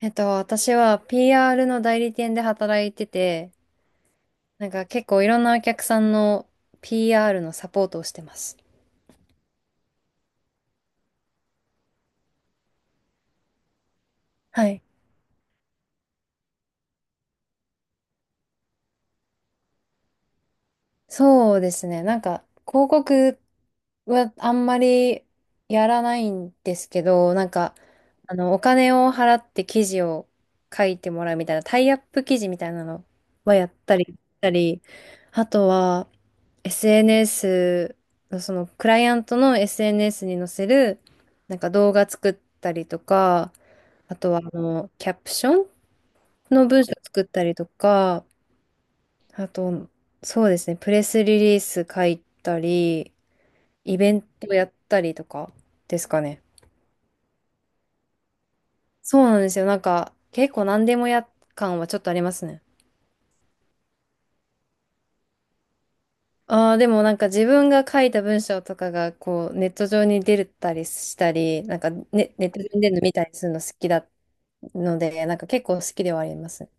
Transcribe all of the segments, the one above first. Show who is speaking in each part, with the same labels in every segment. Speaker 1: 私は PR の代理店で働いてて、結構いろんなお客さんの PR のサポートをしてます。はい。そうですね。広告はあんまりやらないんですけど、お金を払って記事を書いてもらうみたいな、タイアップ記事みたいなのはやったり、したり、あとは、SNS の、クライアントの SNS に載せる、なんか動画作ったりとか、あとは、キャプションの文章作ったりとか、あと、そうですね、プレスリリース書いたり、イベントやったりとかですかね。そうなんですよ。なんか、結構何でもや感はちょっとありますね。ああ、でもなんか自分が書いた文章とかが、こう、ネット上に出たりしたり、ネット上に出るの見たりするの好きだので、なんか結構好きではありますね。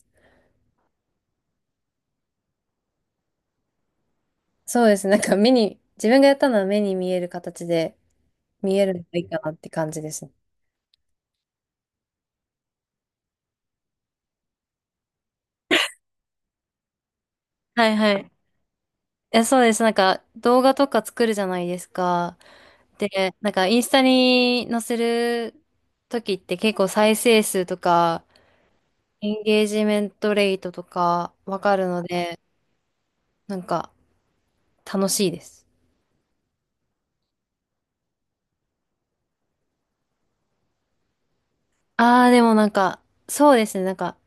Speaker 1: そうですね。なんか目に、自分がやったのは目に見える形で見えるのがいいかなって感じですね。はいはい。え、そうです。なんか、動画とか作るじゃないですか。で、なんか、インスタに載せる時って結構再生数とか、エンゲージメントレートとかわかるので、なんか、楽しいです。ああ、でもなんか、そうですね。なんか、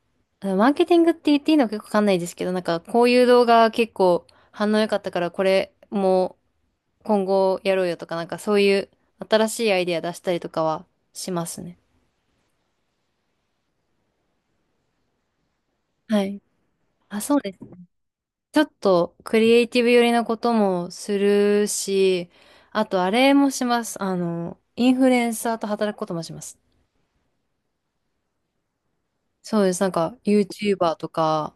Speaker 1: マーケティングって言っていいのか結構わかんないですけど、なんか、こういう動画結構反応良かったから、これも今後やろうよとか、なんかそういう新しいアイデア出したりとかはしますね。はい。あ、そうですね。ちょっとクリエイティブ寄りなこともするし、あとあれもします。あの、インフルエンサーと働くこともします。そうです。なんか YouTuber とか、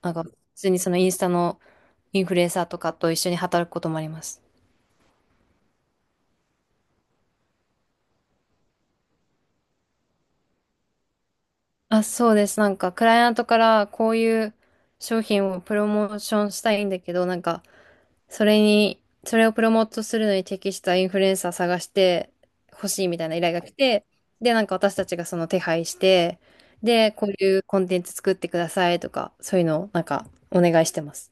Speaker 1: なんか普通にそのインスタのインフルエンサーとかと一緒に働くこともあります。あ、そうです。なんか、クライアントからこういう商品をプロモーションしたいんだけど、それに、それをプロモートするのに適したインフルエンサー探してほしいみたいな依頼が来て、で、なんか私たちがその手配して、で、こういうコンテンツ作ってくださいとか、そういうのをなんかお願いしてます。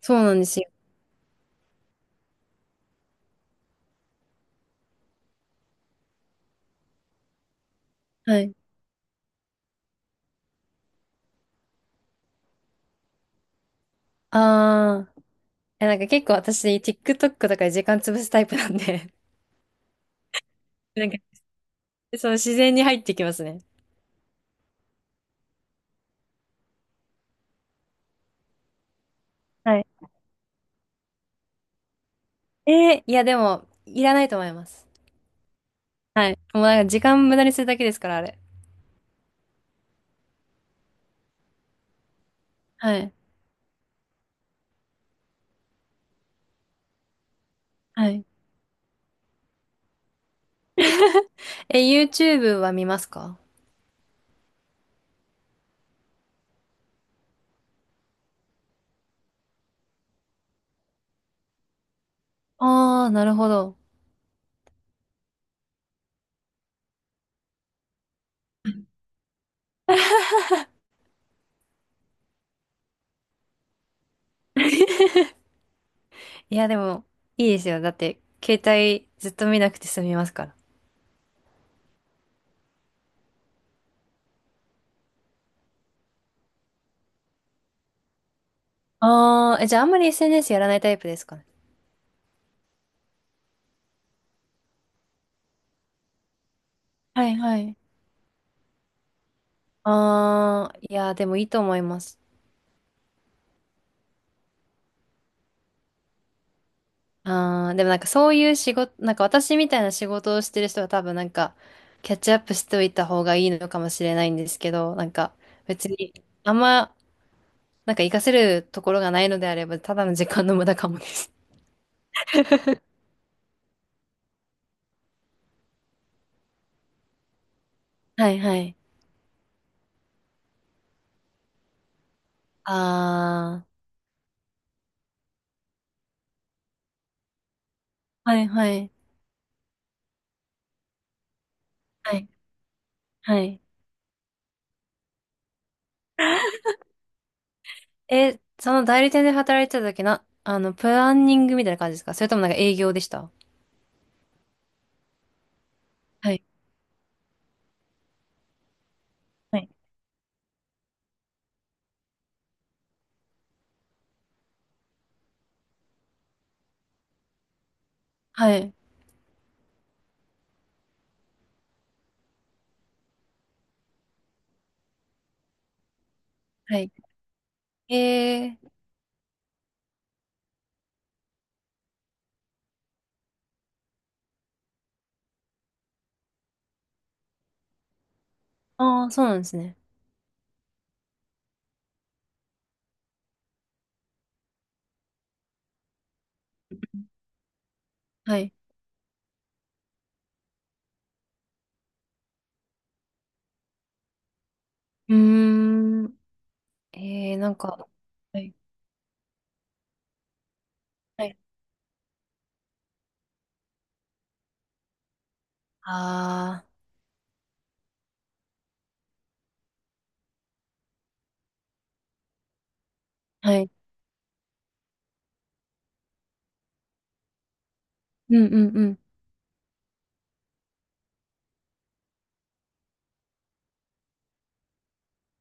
Speaker 1: そうなんですよ。はい。あー、なんか結構私 TikTok とかで時間潰すタイプなんで、なんか、そう自然に入ってきますね。はいいやでも、いらないと思います。はい。もうなんか時間無駄にするだけですから、あれ。はい。はい。え、YouTube は見ますか？ああー、なるほど。いやでも、いいですよ。だって、携帯ずっと見なくて済みますから。ああ、え、じゃああんまり SNS やらないタイプですかね。はいはい。ああ、いやでもいいと思います。ああ、でもなんかそういう仕事、なんか私みたいな仕事をしてる人は多分なんかキャッチアップしておいた方がいいのかもしれないんですけど、なんか別にあんまなんか活かせるところがないのであればただの時間の無駄かもね。はいはい。ああ、はいはい。はいはい。え、その代理店で働いてた時な、あの、プランニングみたいな感じですか？それともなんか営業でした？はいはいはい。はい。えー、ああ、そうなんですね。はい。うーん。えー、なんか、はい。はい。ああ、はい。うんうんうん。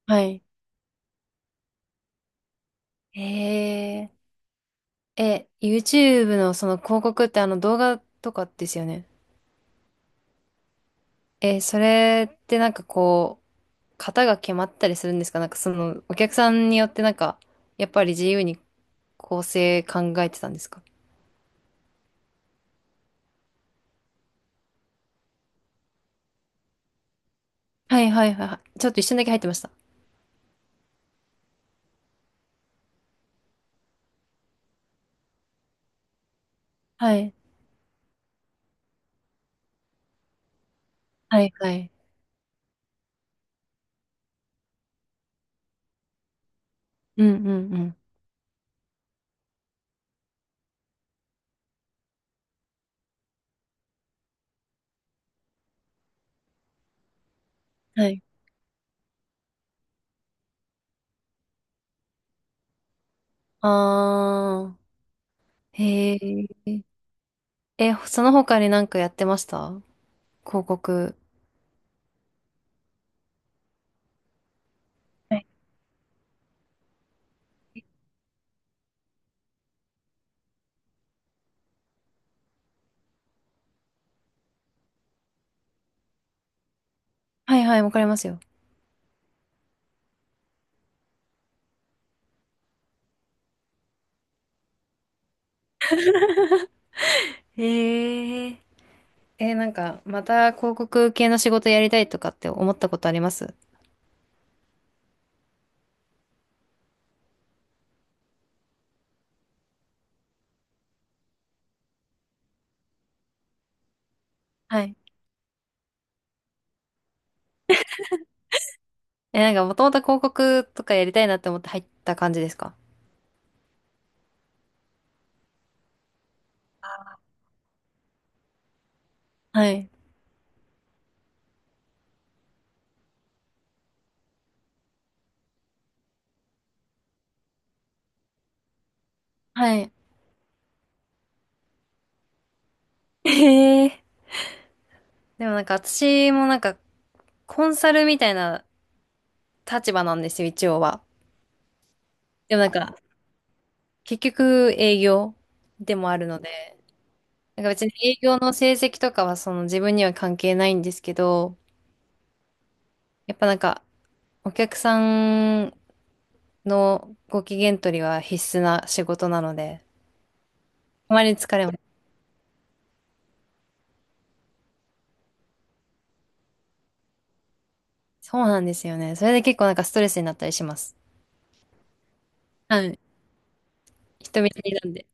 Speaker 1: はい。えー、え、YouTube のその広告ってあの動画とかですよね。えー、それってなんかこう、型が決まったりするんですか？なんかその、お客さんによってなんか、やっぱり自由に構成考えてたんですか？はいはいはいはい。ちょっと一瞬だけ入ってました。はい。はいはい。うんうんうん。はい。あー。へえ。え、その他になんかやってました広告。はいはいはい、わかりますよ。へえ。えー、なんか、また広告系の仕事やりたいとかって思ったことあります？はい。えー、なんか、もともと広告とかやりたいなって思って入った感じですか？はい。はい。へえ。でもなんか、私もなんか、コンサルみたいな立場なんですよ、一応は。でもなんか、結局営業でもあるので、なんか別に営業の成績とかはその自分には関係ないんですけど、やっぱなんか、お客さんのご機嫌取りは必須な仕事なので、あまり疲れも。そうなんですよね。それで結構なんかストレスになったりします。はい。人見知りなんで。